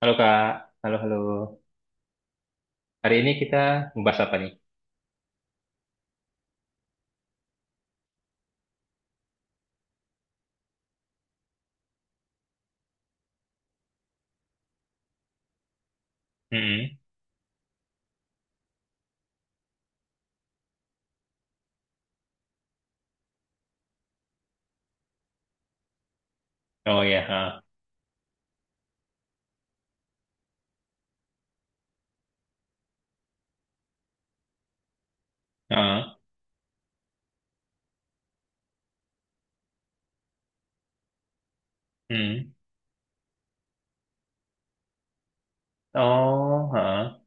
Halo Kak, halo halo. Hari ini kita membahas apa nih? Mm-mm. Oh ya, ha. Ha. Mm. Oh, ha.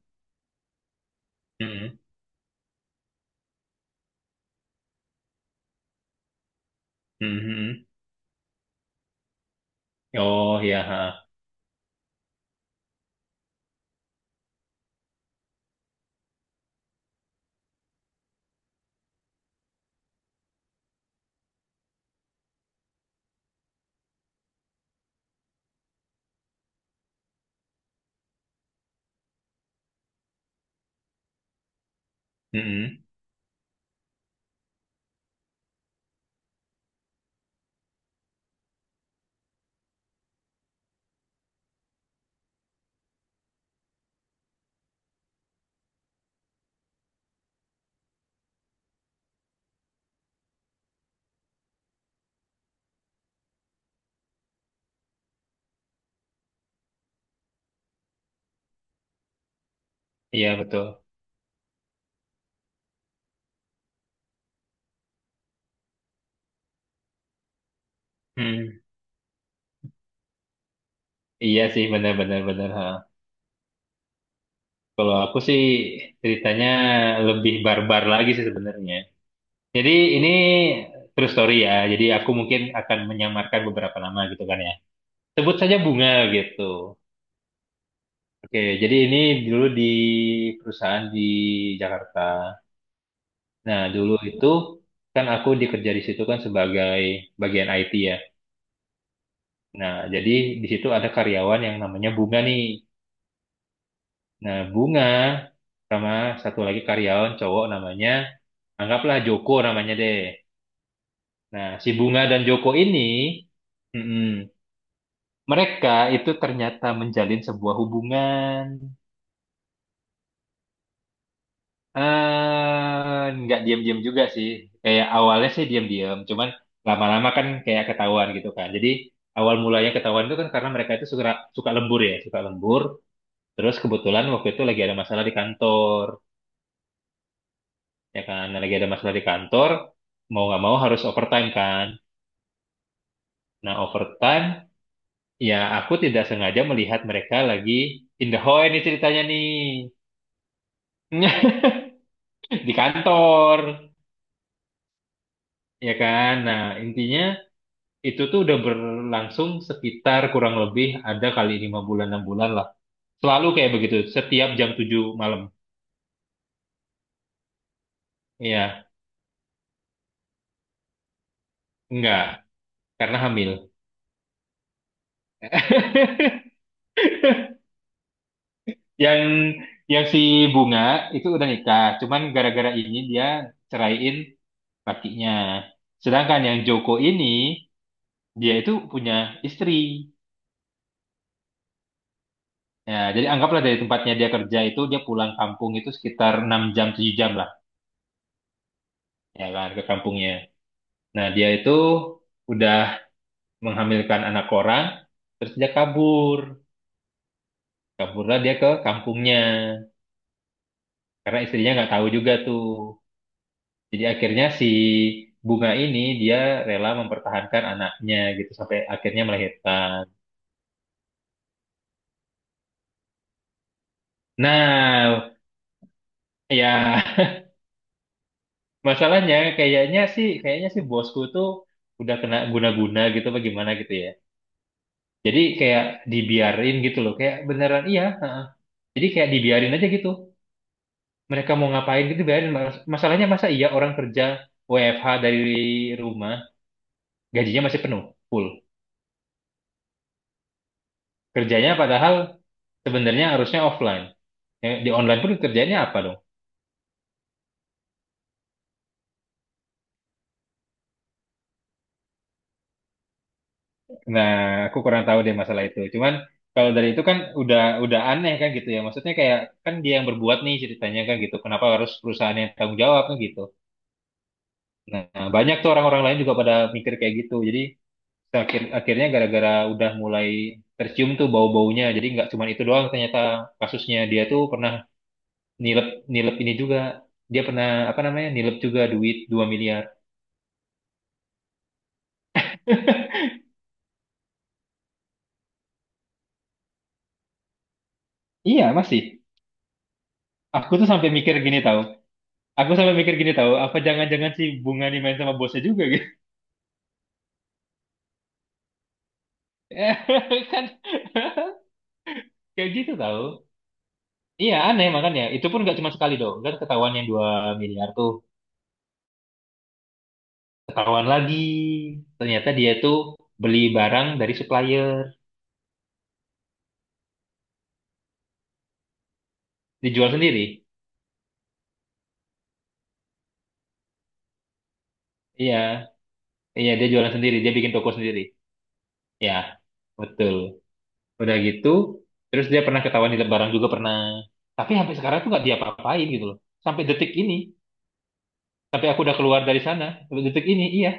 Mm-mm. Mm-mm. Oh ya, ha. Mm-mm. Iya betul. Mm. Iya sih, benar-benar benar. Benar, benar, ha. Kalau aku sih ceritanya lebih barbar lagi sih sebenarnya. Jadi ini true story ya. Jadi aku mungkin akan menyamarkan beberapa nama gitu kan ya. Sebut saja Bunga gitu. Oke, jadi ini dulu di perusahaan di Jakarta. Nah, dulu itu kan aku dikerja di situ kan sebagai bagian IT ya. Nah, jadi di situ ada karyawan yang namanya Bunga nih. Nah, Bunga sama satu lagi karyawan cowok namanya, anggaplah Joko namanya deh. Nah, si Bunga dan Joko ini, mm-mm, mereka itu ternyata menjalin sebuah hubungan. Eh, nggak diam-diam juga sih. Kayak awalnya sih diam-diam, cuman lama-lama kan kayak ketahuan gitu kan. Jadi awal mulanya ketahuan itu kan karena mereka itu suka suka lembur ya, suka lembur. Terus kebetulan waktu itu lagi ada masalah di kantor, ya kan. Nah, lagi ada masalah di kantor, mau nggak mau harus overtime kan. Nah overtime, ya aku tidak sengaja melihat mereka lagi in the hall ini ceritanya nih di kantor, ya kan. Nah intinya, itu tuh udah berlangsung sekitar kurang lebih ada kali 5 bulan 6 bulan lah. Selalu kayak begitu, setiap jam 7 malam. Iya, enggak, karena hamil. Yang yang si Bunga itu udah nikah, cuman gara-gara ini dia ceraiin lakinya. Sedangkan yang Joko ini dia itu punya istri. Ya, jadi anggaplah dari tempatnya dia kerja itu dia pulang kampung itu sekitar 6 jam 7 jam lah, ya kan ke kampungnya. Nah, dia itu udah menghamilkan anak orang, terus dia kabur. Kaburlah dia ke kampungnya, karena istrinya nggak tahu juga tuh. Jadi akhirnya si Bunga ini dia rela mempertahankan anaknya gitu sampai akhirnya melahirkan. Nah, ya masalahnya kayaknya sih bosku tuh udah kena guna-guna gitu bagaimana gitu ya. Jadi kayak dibiarin gitu loh, kayak beneran iya. Heeh. Jadi kayak dibiarin aja gitu. Mereka mau ngapain gitu, biarin. Masalahnya masa iya orang kerja WFH dari rumah gajinya masih penuh full, kerjanya padahal sebenarnya harusnya offline. Ya, di online pun kerjanya apa dong. Nah, aku kurang tahu deh masalah itu, cuman kalau dari itu kan udah aneh kan gitu ya, maksudnya kayak, kan dia yang berbuat nih ceritanya kan gitu, kenapa harus perusahaan yang tanggung jawab kan gitu. Nah, banyak tuh orang-orang lain juga pada mikir kayak gitu. Jadi akhirnya gara-gara udah mulai tercium tuh bau-baunya, jadi nggak cuma itu doang ternyata kasusnya. Dia tuh pernah nilep, nilep ini juga dia pernah apa namanya, nilep juga duit 2 miliar. Iya masih. Aku tuh sampai mikir gini, tahu. Aku sampai mikir gini, tahu, apa jangan-jangan si Bunga ini main sama bosnya juga gitu. Kan kayak gitu tahu. Iya aneh makanya. Itu pun nggak cuma sekali dong kan ketahuan yang 2 miliar tuh, ketahuan lagi. Ternyata dia tuh beli barang dari supplier dijual sendiri. Iya, iya dia jualan sendiri, dia bikin toko sendiri. Ya, betul. Udah gitu, terus dia pernah ketahuan di Lebaran juga pernah. Tapi sampai sekarang tuh nggak diapa-apain gitu loh. Sampai detik ini, sampai aku udah keluar dari sana, sampai detik ini, iya.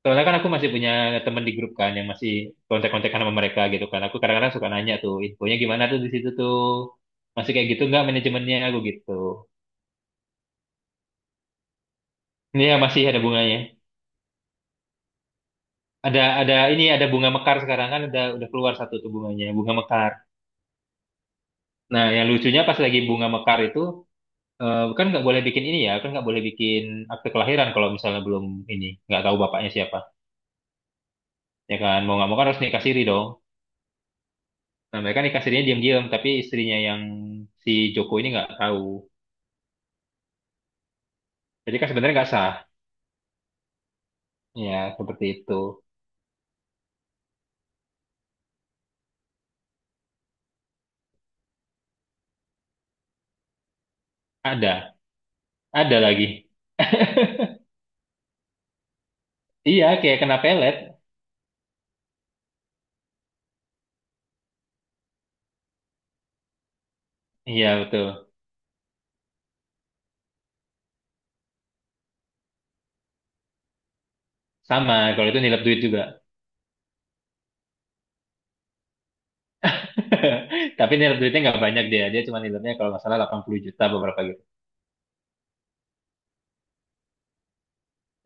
Soalnya kan aku masih punya temen di grup kan yang masih kontak-kontakan sama mereka gitu kan. Aku kadang-kadang suka nanya tuh, infonya gimana tuh di situ tuh. Masih kayak gitu nggak manajemennya aku gitu. Iya, masih ada bunganya. Ada ini, ada bunga mekar sekarang kan udah keluar satu tuh bunganya, bunga mekar. Nah, yang lucunya pas lagi bunga mekar itu, eh, kan nggak boleh bikin ini ya, kan nggak boleh bikin akte kelahiran kalau misalnya belum ini, nggak tahu bapaknya siapa. Ya kan, mau nggak mau kan harus nikah siri dong. Nah, mereka nikah sirinya diam-diam, tapi istrinya yang si Joko ini nggak tahu. Jadi kan sebenarnya nggak sah. Ya, seperti itu. Ada, ada lagi. Iya, kayak kena pelet. Iya, betul. Sama, kalau itu nilai duit juga. Tapi nilai duitnya nggak banyak, dia cuma nilainya kalau nggak salah 80 juta beberapa gitu.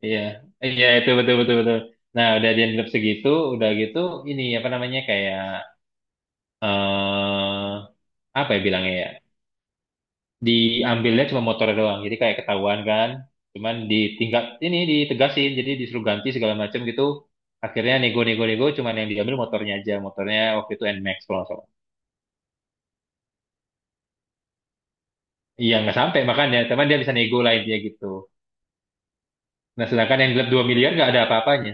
Iya, iya itu betul betul betul. Nah udah dianggap segitu, udah gitu ini apa namanya, kayak, eh apa ya bilangnya ya, diambilnya cuma motor doang, jadi kayak ketahuan kan, cuman ditingkat ini ditegasin, jadi disuruh ganti segala macam gitu. Akhirnya nego-nego-nego, cuman yang diambil motornya aja, motornya waktu itu NMAX kalau nggak salah. Iya nggak sampai makanya, cuman dia bisa nego lah intinya gitu. Nah sedangkan yang gelap 2 miliar nggak ada apa-apanya.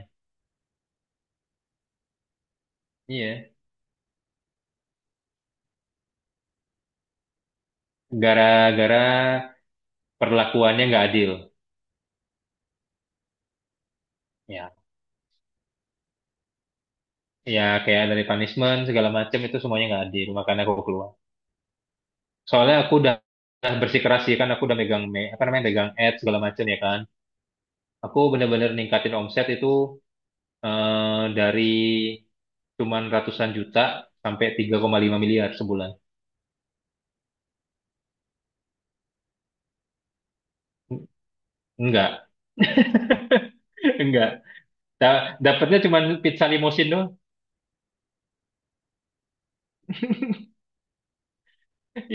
Iya, gara-gara perlakuannya nggak adil. Ya ya kayak dari punishment segala macam itu semuanya nggak adil, makanya aku keluar. Soalnya aku udah bersikeras sih, kan aku udah megang apa namanya, megang ads segala macam ya kan. Aku bener-bener ningkatin omset itu, eh, dari cuman ratusan juta sampai 3,5 miliar sebulan. Enggak enggak. Dapatnya cuma pizza limosin doang.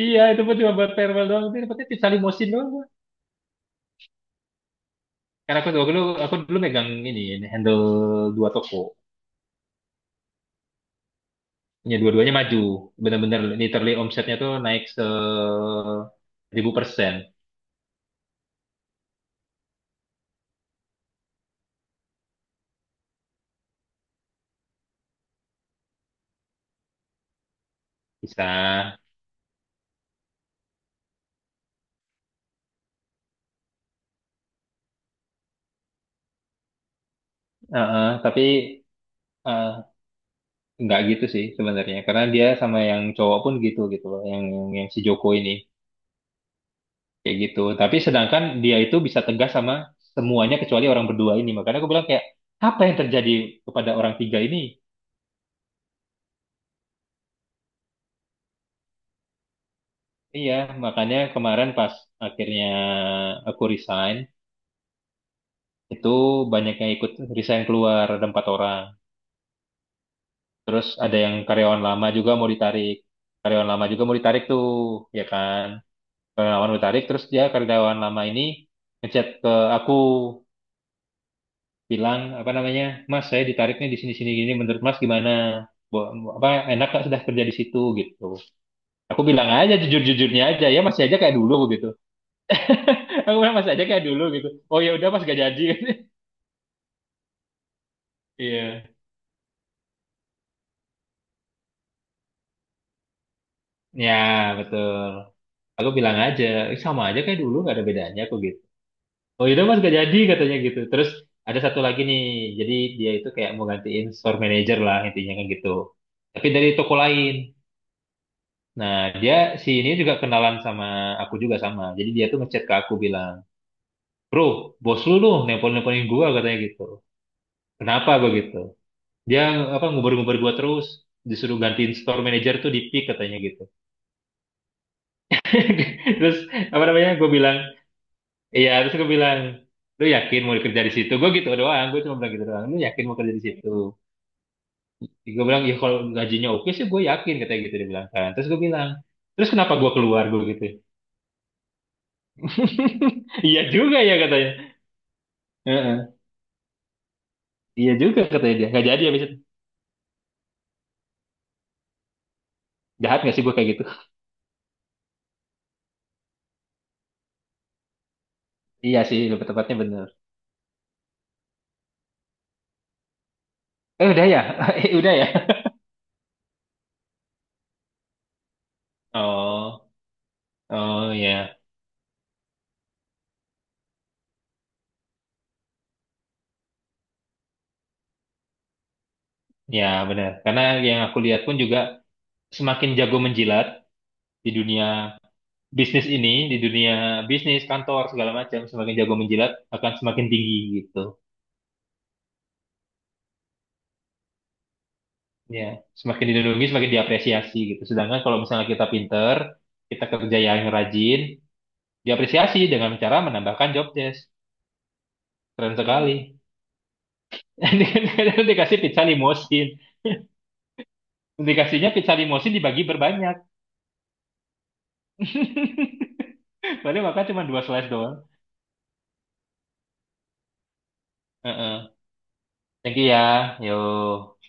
Iya itu pun cuma buat farewell doang, tapi dapatnya pizza limosin doang gua. Karena aku dulu megang ini, handle dua toko. Ya, dua-duanya maju. Benar-benar literally omsetnya tuh naik 1.000%. Bisa. Heeh, tapi eh, nggak gitu sih sebenarnya. Karena dia sama yang cowok pun gitu gitu loh. Yang si Joko ini. Kayak gitu. Tapi sedangkan dia itu bisa tegas sama semuanya kecuali orang berdua ini. Makanya aku bilang kayak, apa yang terjadi kepada orang tiga ini? Iya, makanya kemarin pas akhirnya aku resign, itu banyak yang ikut resign keluar, ada empat orang. Terus ada yang karyawan lama juga mau ditarik. Karyawan lama juga mau ditarik tuh, ya kan? Karyawan lama mau ditarik, terus dia karyawan lama ini ngechat ke aku bilang apa namanya, "Mas saya ditariknya di sini sini gini, menurut Mas gimana? Bo- Apa enak gak sudah kerja di situ gitu?" Aku bilang aja jujur-jujurnya aja ya, masih aja kayak dulu gitu. Aku bilang masih aja kayak dulu gitu. "Oh ya udah Mas gak jadi." Iya, ya betul. Aku bilang aja, "Eh, sama aja kayak dulu gak ada bedanya aku gitu." Oh itu mas gak jadi katanya gitu. Terus ada satu lagi nih, jadi dia itu kayak mau gantiin store manager lah intinya kan gitu, tapi dari toko lain. Nah, dia si ini juga kenalan sama aku juga sama, jadi dia tuh ngechat ke aku bilang, "Bro, bos lu dong nelpon-nelponin gua," katanya gitu. "Kenapa gua gitu, dia apa ngubar-ngubar gua, terus disuruh gantiin store manager tuh di pick," katanya gitu. Terus apa namanya, gue bilang iya, terus gue bilang, "Lu yakin mau kerja di situ," gue gitu doang. Gue cuma bilang gitu doang, "Lu yakin mau kerja di situ?" Gue bilang, "Ya kalau gajinya oke sih gue yakin," katanya gitu dia bilang kan. Terus gue bilang, "Terus kenapa gue keluar," gue gitu. "Iya juga ya," katanya. Heeh. "Iya juga," katanya, dia nggak jadi habis itu. Jahat nggak sih gue kayak gitu? Iya sih, lebih tepatnya bener. Eh udah ya. Eh, udah ya. Oh, oh ya ya bener, karena yang aku lihat pun juga semakin jago menjilat di dunia bisnis ini, di dunia bisnis kantor segala macam, semakin jago menjilat akan semakin tinggi gitu. Ya, semakin dilindungi, semakin diapresiasi gitu. Sedangkan kalau misalnya kita pinter, kita kerja yang rajin, diapresiasi dengan cara menambahkan job desk. Keren sekali. Nanti dikasih pizza limosin. Dikasihnya pizza limosin dibagi berbanyak. Padahal makan cuma dua slice doang. Heeh. Thank you ya. Yo.